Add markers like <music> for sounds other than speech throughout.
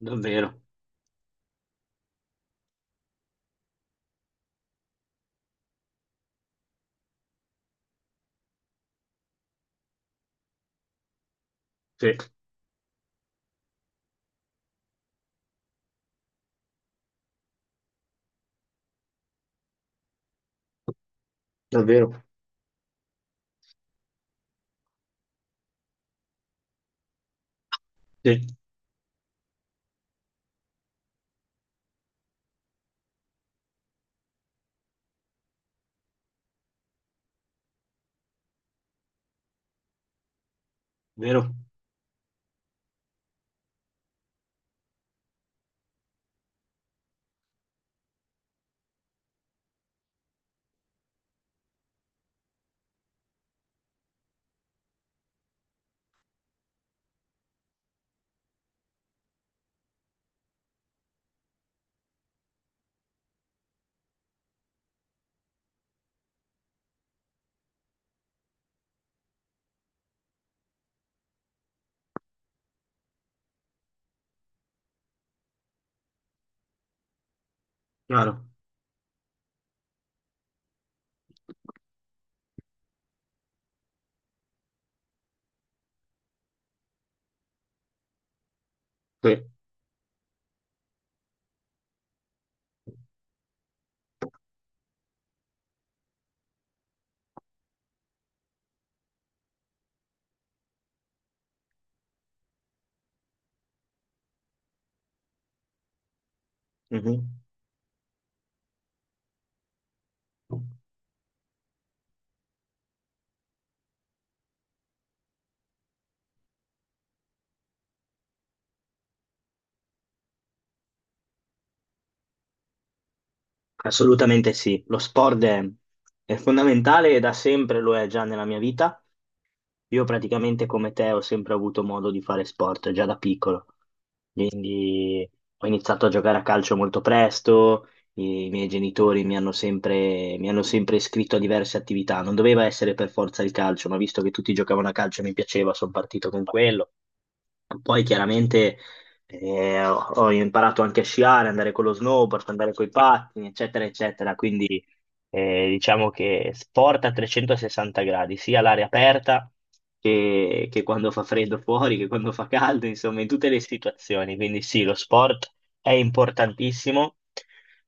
Davvero? Sì. Davvero? Sì. Vero? Chiaro? Sì. Mhm. Assolutamente sì, lo sport è fondamentale e da sempre lo è già nella mia vita. Io praticamente come te ho sempre avuto modo di fare sport già da piccolo, quindi ho iniziato a giocare a calcio molto presto, i miei genitori mi hanno sempre iscritto a diverse attività, non doveva essere per forza il calcio, ma visto che tutti giocavano a calcio e mi piaceva, sono partito con quello. Poi chiaramente ho imparato anche a sciare, andare con lo snowboard, andare con i pattini, eccetera, eccetera. Quindi diciamo che sport a 360 gradi, sia all'aria aperta che quando fa freddo fuori, che quando fa caldo, insomma, in tutte le situazioni. Quindi sì, lo sport è importantissimo.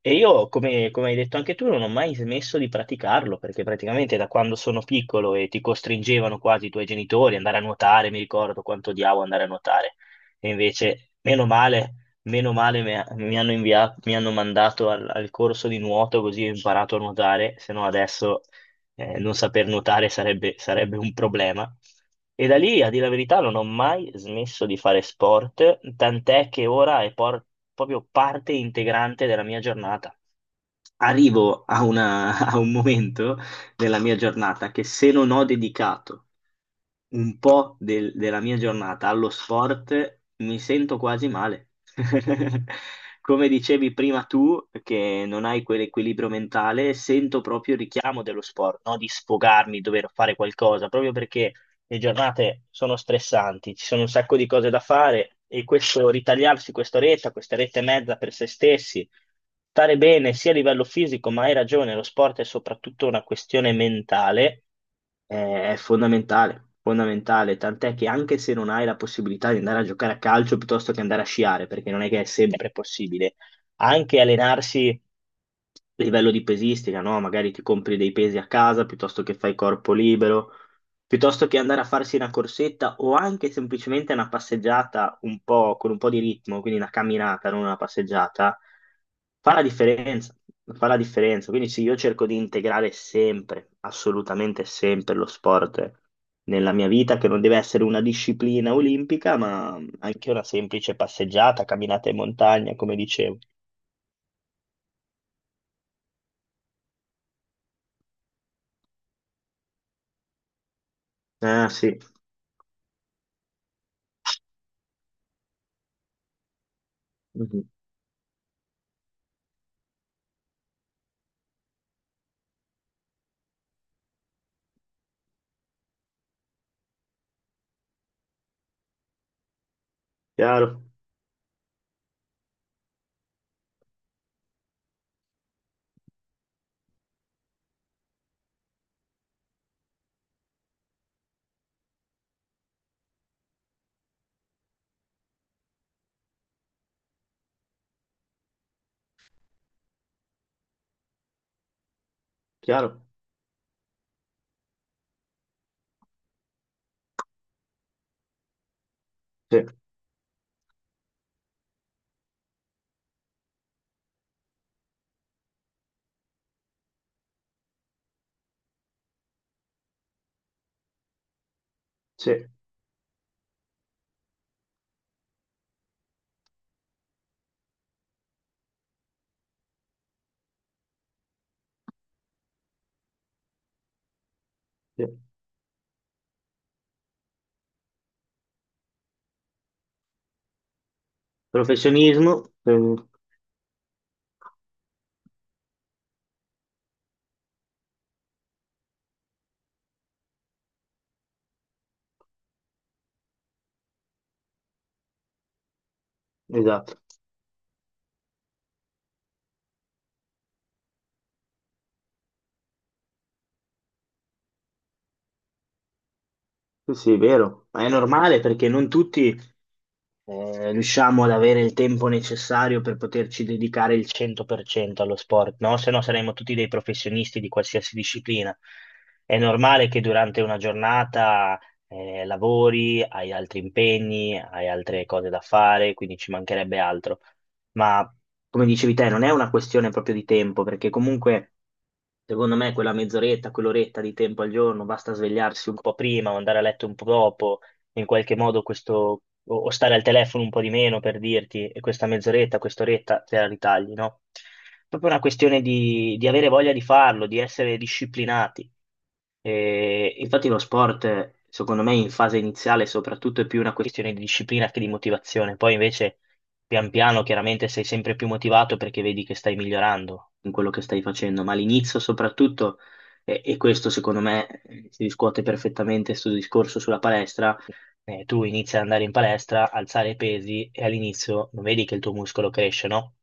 E io, come, come hai detto anche tu, non ho mai smesso di praticarlo, perché praticamente da quando sono piccolo e ti costringevano quasi i tuoi genitori ad andare a nuotare, mi ricordo quanto odiavo andare a nuotare. E invece, meno male mi hanno mandato al corso di nuoto così ho imparato a nuotare, se no adesso non saper nuotare sarebbe, sarebbe un problema. E da lì, a dire la verità, non ho mai smesso di fare sport, tant'è che ora è proprio parte integrante della mia giornata. Arrivo <laughs> a un momento della mia giornata che se non ho dedicato un po' della mia giornata allo sport, mi sento quasi male. <laughs> Come dicevi prima tu, che non hai quell'equilibrio mentale, sento proprio il richiamo dello sport, no? Di sfogarmi, dover fare qualcosa, proprio perché le giornate sono stressanti, ci sono un sacco di cose da fare e questo ritagliarsi quest'oretta, quest'oretta e mezza per se stessi stare bene sia a livello fisico, ma hai ragione, lo sport è soprattutto una questione mentale, è fondamentale, fondamentale, tant'è che anche se non hai la possibilità di andare a giocare a calcio piuttosto che andare a sciare, perché non è che è sempre possibile, anche allenarsi a livello di pesistica, no? Magari ti compri dei pesi a casa piuttosto che fai corpo libero, piuttosto che andare a farsi una corsetta o anche semplicemente una passeggiata un po', con un po' di ritmo, quindi una camminata, non una passeggiata, fa la differenza, fa la differenza. Quindi sì, io cerco di integrare sempre, assolutamente sempre lo sport nella mia vita, che non deve essere una disciplina olimpica, ma anche una semplice passeggiata, camminata in montagna, come dicevo. Ah, sì. Mhm. Chiaro, chiaro, sì, sì, sì. Professionismo, esatto. Sì, sì, è vero, ma è normale perché non tutti riusciamo ad avere il tempo necessario per poterci dedicare il 100% allo sport, no? Se no saremmo tutti dei professionisti di qualsiasi disciplina. È normale che durante una giornata lavori, hai altri impegni, hai altre cose da fare, quindi ci mancherebbe altro. Ma come dicevi te, non è una questione proprio di tempo, perché comunque secondo me quella mezz'oretta, quell'oretta di tempo al giorno, basta svegliarsi un po' prima o andare a letto un po' dopo, in qualche modo questo, o stare al telefono un po' di meno per dirti, e questa mezz'oretta, quest'oretta te la ritagli, no? Proprio una questione di avere voglia di farlo, di essere disciplinati. E infatti lo sport, secondo me, in fase iniziale soprattutto è più una questione di disciplina che di motivazione. Poi invece pian piano chiaramente sei sempre più motivato perché vedi che stai migliorando in quello che stai facendo, ma all'inizio soprattutto, e questo secondo me si riscuote perfettamente sul discorso sulla palestra, tu inizi ad andare in palestra, alzare i pesi e all'inizio non vedi che il tuo muscolo cresce, no?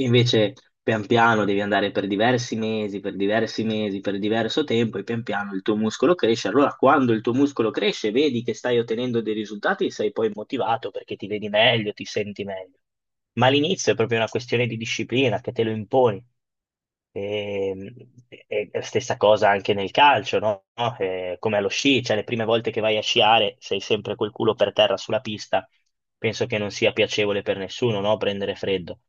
Invece, pian piano devi andare per diversi mesi, per diversi mesi, per diverso tempo e pian piano il tuo muscolo cresce. Allora, quando il tuo muscolo cresce, vedi che stai ottenendo dei risultati, sei poi motivato perché ti vedi meglio, ti senti meglio. Ma all'inizio è proprio una questione di disciplina che te lo imponi. E, e stessa cosa anche nel calcio, no? No? Come allo sci, cioè le prime volte che vai a sciare sei sempre col culo per terra sulla pista, penso che non sia piacevole per nessuno, no? Prendere freddo.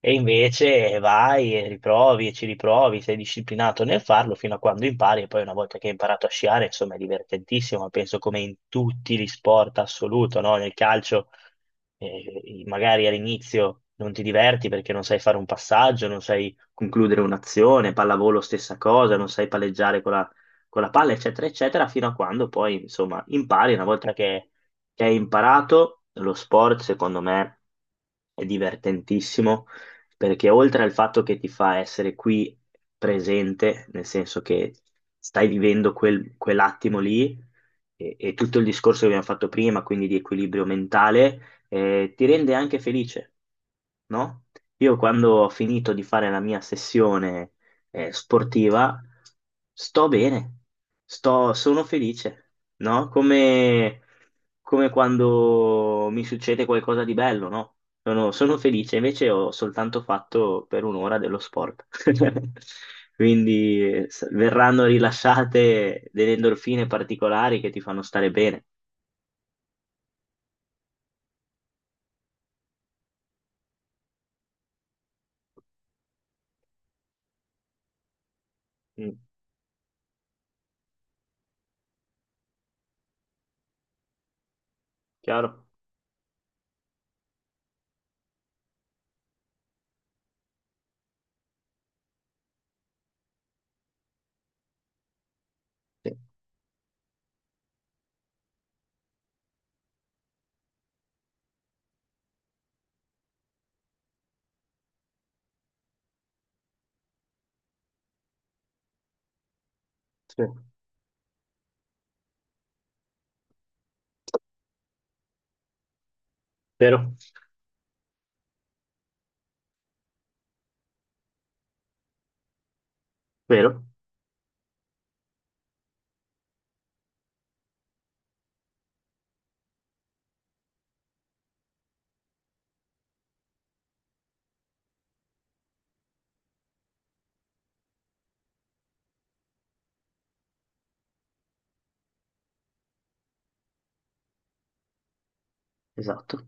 E invece vai e riprovi e ci riprovi, sei disciplinato nel farlo fino a quando impari e poi una volta che hai imparato a sciare, insomma, è divertentissimo, penso come in tutti gli sport assoluto, no? Nel calcio magari all'inizio non ti diverti perché non sai fare un passaggio, non sai concludere un'azione, pallavolo stessa cosa, non sai palleggiare con la, palla, eccetera, eccetera, fino a quando poi, insomma, impari. Una volta che hai imparato, lo sport, secondo me, è divertentissimo, perché oltre al fatto che ti fa essere qui presente, nel senso che stai vivendo quell'attimo lì, e tutto il discorso che abbiamo fatto prima, quindi di equilibrio mentale, ti rende anche felice, no? Io quando ho finito di fare la mia sessione sportiva, sto bene, sono felice, no? Come, come quando mi succede qualcosa di bello, no? Sono felice, invece ho soltanto fatto per un'ora dello sport. <laughs> Quindi verranno rilasciate delle endorfine particolari che ti fanno stare bene. Mm, chiaro? Sì, sì. Vero? Vero? Esatto.